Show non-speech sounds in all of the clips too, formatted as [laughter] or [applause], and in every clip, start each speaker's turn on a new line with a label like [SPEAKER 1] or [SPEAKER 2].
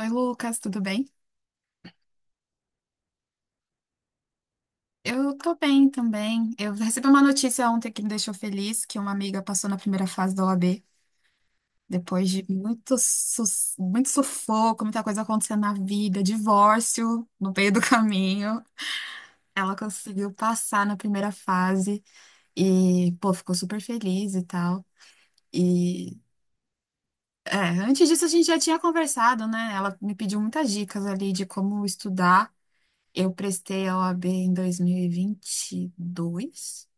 [SPEAKER 1] Oi, Lucas, tudo bem? Eu tô bem também. Eu recebi uma notícia ontem que me deixou feliz, que uma amiga passou na primeira fase da OAB, depois de muito, muito sufoco, muita coisa acontecendo na vida, divórcio no meio do [laughs] caminho. Ela conseguiu passar na primeira fase e, pô, ficou super feliz e tal. E, antes disso a gente já tinha conversado, né? Ela me pediu muitas dicas ali de como estudar. Eu prestei a OAB em 2022.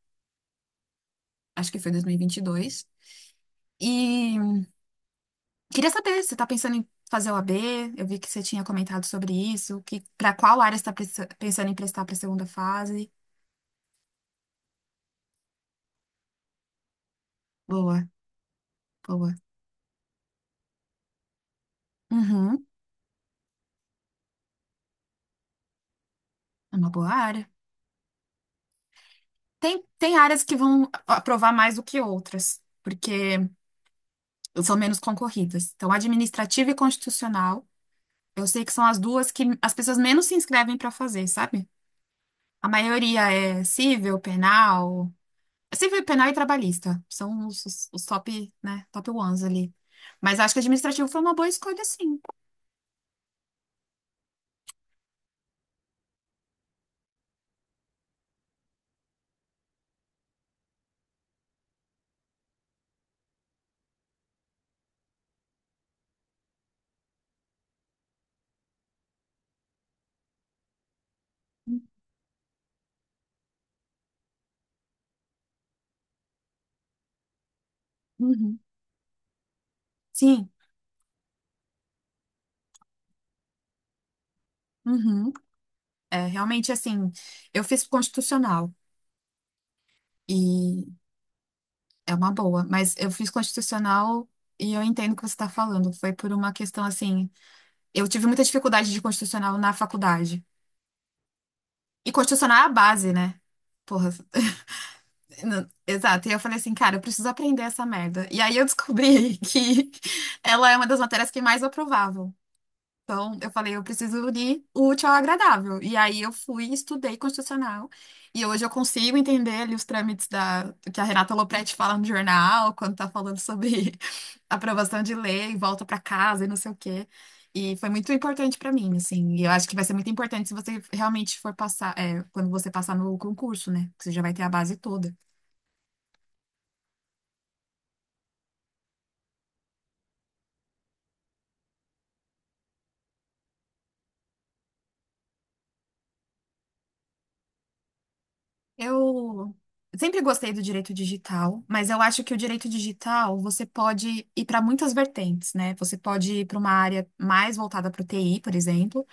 [SPEAKER 1] Acho que foi em dois mil e vinte e dois. E queria saber, você está pensando em fazer o OAB? Eu vi que você tinha comentado sobre isso, que para qual área você está pensando em prestar para a segunda fase? Boa, boa. Uhum, é uma boa área. Tem áreas que vão aprovar mais do que outras, porque são menos concorridas. Então, administrativa e constitucional, eu sei que são as duas que as pessoas menos se inscrevem para fazer, sabe? A maioria é civil, penal, civil, penal e trabalhista. São os top, né, top ones ali. Mas acho que administrativo foi uma boa escolha, sim. Uhum. Sim. Uhum. É, realmente, assim, eu fiz constitucional e é uma boa, mas eu fiz constitucional e eu entendo o que você está falando. Foi por uma questão, assim, eu tive muita dificuldade de constitucional na faculdade. E constitucional é a base, né? Porra, não, exato, e eu falei assim, cara, eu preciso aprender essa merda. E aí eu descobri [laughs] que ela é uma das matérias que é mais aprovavam. Então eu falei, eu preciso unir o útil ao agradável. E aí eu fui, estudei constitucional, e hoje eu consigo entender ali os trâmites da, que a Renata Lopretti fala no jornal, quando tá falando sobre [laughs] aprovação de lei, volta pra casa e não sei o quê. E foi muito importante pra mim, assim. E eu acho que vai ser muito importante se você realmente for passar, quando você passar no concurso, né? Que você já vai ter a base toda. Eu sempre gostei do direito digital, mas eu acho que o direito digital você pode ir para muitas vertentes, né? Você pode ir para uma área mais voltada para o TI, por exemplo.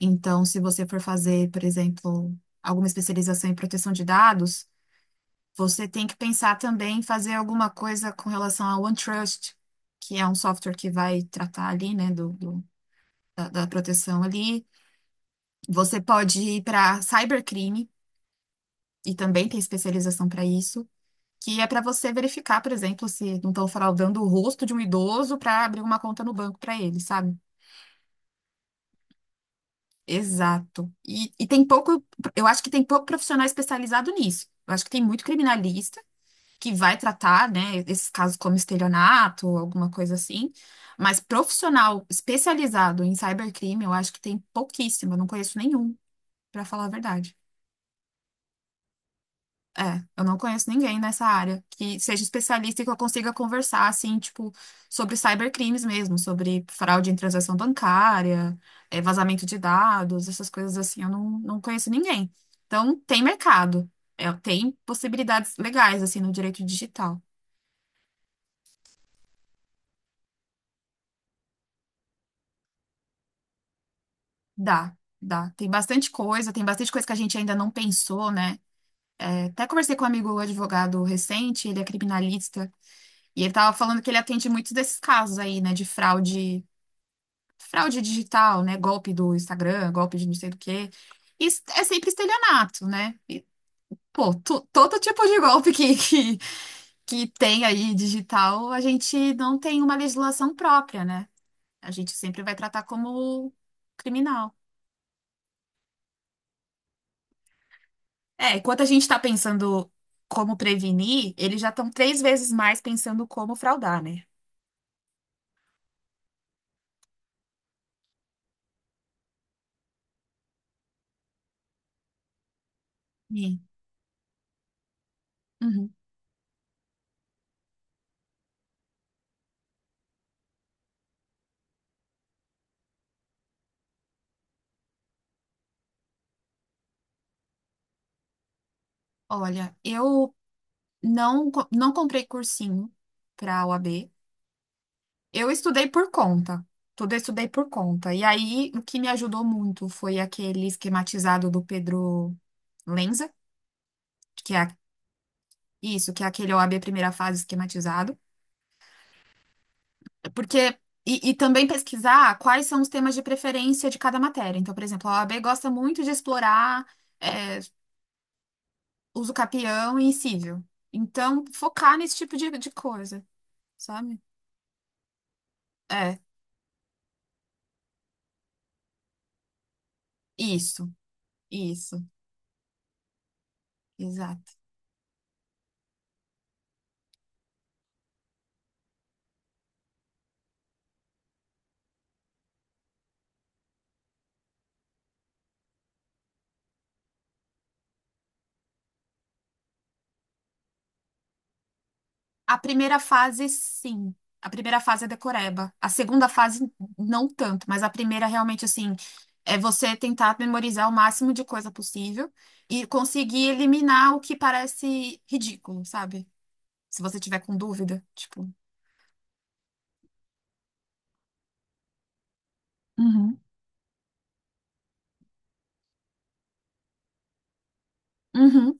[SPEAKER 1] Então, se você for fazer, por exemplo, alguma especialização em proteção de dados, você tem que pensar também em fazer alguma coisa com relação ao OneTrust, que é um software que vai tratar ali, né, da proteção ali. Você pode ir para cybercrime. E também tem especialização para isso, que é para você verificar, por exemplo, se não estão fraudando o rosto de um idoso para abrir uma conta no banco para ele, sabe? Exato. E tem pouco, eu acho que tem pouco profissional especializado nisso. Eu acho que tem muito criminalista que vai tratar, né, esses casos como estelionato ou alguma coisa assim, mas profissional especializado em cybercrime, eu acho que tem pouquíssimo, eu não conheço nenhum, para falar a verdade. É, eu não conheço ninguém nessa área que seja especialista e que eu consiga conversar, assim, tipo, sobre cybercrimes mesmo, sobre fraude em transação bancária, vazamento de dados, essas coisas assim, eu não conheço ninguém. Então, tem mercado, tem possibilidades legais, assim, no direito digital. Dá, dá. Tem bastante coisa que a gente ainda não pensou, né? Até conversei com um amigo advogado recente, ele é criminalista, e ele tava falando que ele atende muitos desses casos aí, né, de fraude digital, né? Golpe do Instagram, golpe de não sei do quê. Isso é sempre estelionato, né? E, pô, todo tipo de golpe que, [laughs] que tem aí digital, a gente não tem uma legislação própria, né? A gente sempre vai tratar como criminal. É, enquanto a gente está pensando como prevenir, eles já estão três vezes mais pensando como fraudar, né? Sim. Uhum. Olha, eu não comprei cursinho para pra OAB. Eu estudei por conta. Tudo eu estudei por conta. E aí, o que me ajudou muito foi aquele esquematizado do Pedro Lenza, que é isso, que é aquele o OAB primeira fase esquematizado. Porque. E também pesquisar quais são os temas de preferência de cada matéria. Então, por exemplo, a OAB gosta muito de explorar é, uso capião e cível. Então, focar nesse tipo de coisa, sabe? É, isso, isso. A primeira fase, sim. A primeira fase é decoreba. A segunda fase, não tanto, mas a primeira realmente, assim, é você tentar memorizar o máximo de coisa possível e conseguir eliminar o que parece ridículo, sabe? Se você tiver com dúvida, tipo. Uhum. Uhum,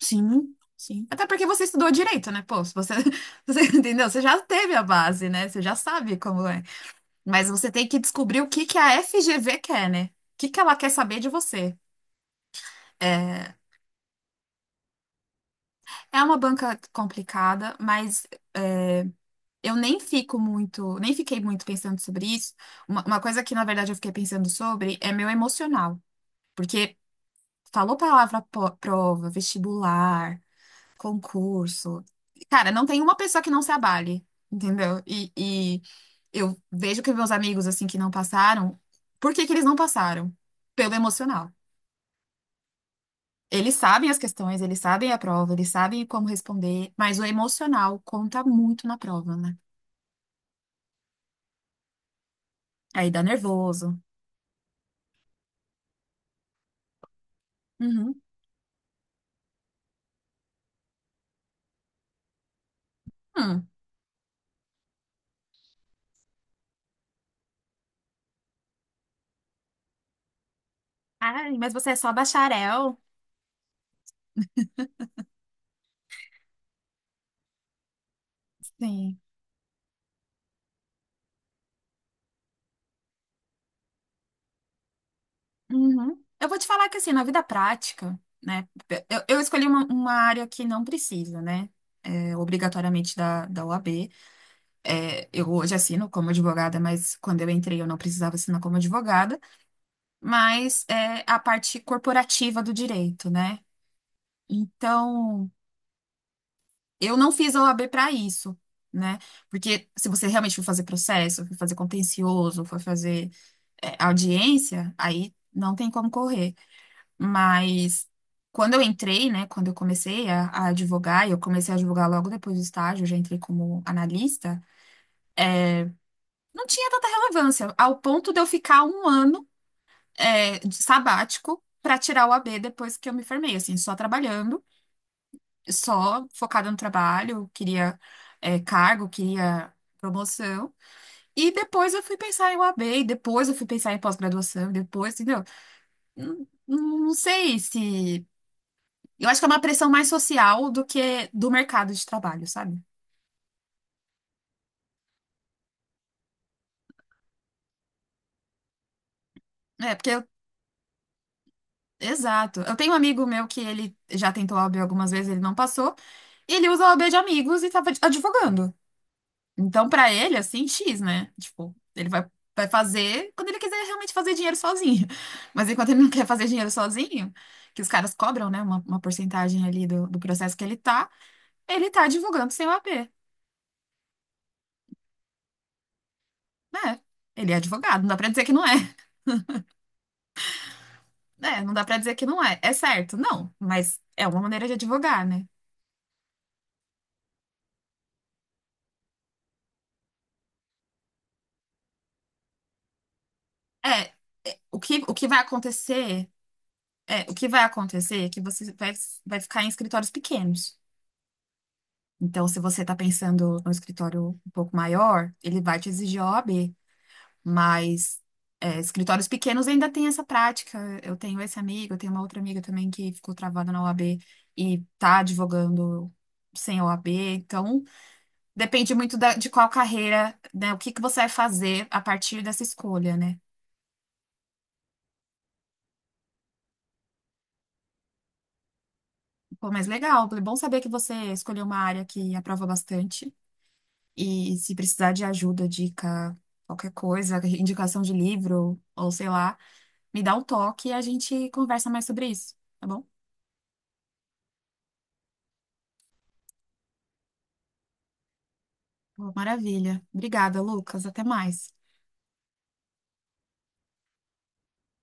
[SPEAKER 1] sim, sim. Até porque você estudou direito, né? Pô, se você, [laughs] você entendeu? Você já teve a base, né? Você já sabe como é. Mas você tem que descobrir o que que a FGV quer, né? O que que ela quer saber de você. É, é uma banca complicada, mas é, eu nem fico muito, nem fiquei muito pensando sobre isso. Uma coisa que, na verdade, eu fiquei pensando sobre é meu emocional. Porque falou palavra prova, vestibular, concurso. Cara, não tem uma pessoa que não se abale, entendeu? E eu vejo que meus amigos, assim, que não passaram, por que que eles não passaram? Pelo emocional. Eles sabem as questões, eles sabem a prova, eles sabem como responder, mas o emocional conta muito na prova, né? Aí dá nervoso. Uhum. Hum. Ai, mas você é só bacharel? Sim. Uhum. Eu vou te falar que, assim, na vida prática, né? Eu escolhi uma área que não precisa, né? Obrigatoriamente da OAB. É, eu hoje assino como advogada, mas quando eu entrei eu não precisava assinar como advogada. Mas é a parte corporativa do direito, né? Então, eu não fiz a OAB para isso, né? Porque se você realmente for fazer processo, for fazer contencioso, for fazer audiência, aí não tem como correr. Mas quando eu entrei, né? Quando eu comecei a advogar, e eu comecei a advogar logo depois do estágio, eu já entrei como analista, não tinha tanta relevância, ao ponto de eu ficar um ano de sabático para tirar o O a OAB depois que eu me formei, assim, só trabalhando. Só focada no trabalho, queria cargo, queria promoção. E depois eu fui pensar em UAB, e depois eu fui pensar em pós-graduação, e depois, entendeu? Não, não sei se. Eu acho que é uma pressão mais social do que do mercado de trabalho, sabe? É, porque eu. Exato. Eu tenho um amigo meu que ele já tentou O a OAB algumas vezes, ele não passou. E ele usa O a OAB de amigos e tava advogando. Então, pra ele, assim, X, né? Tipo, ele vai fazer quando ele quiser realmente fazer dinheiro sozinho. [laughs] Mas enquanto ele não quer fazer dinheiro sozinho, que os caras cobram, né, uma porcentagem ali do processo que ele tá advogando sem o AP, né? Ele é advogado, não dá pra dizer que não é. [laughs] É, não dá pra dizer que não é. É certo, não, mas é uma maneira de advogar, né? É, o que, o que vai acontecer, o que vai acontecer é que você vai ficar em escritórios pequenos. Então, se você está pensando no escritório um pouco maior, ele vai te exigir a OAB, mas escritórios pequenos ainda tem essa prática. Eu tenho esse amigo, eu tenho uma outra amiga também que ficou travada na OAB e está advogando sem OAB. Então, depende muito de qual carreira, né, o que que você vai fazer a partir dessa escolha, né? Pô, mas legal, é bom saber que você escolheu uma área que aprova bastante e se precisar de ajuda, dica, qualquer coisa, indicação de livro ou sei lá. Me dá um toque e a gente conversa mais sobre isso, tá bom? Pô, maravilha. Obrigada, Lucas. Até mais.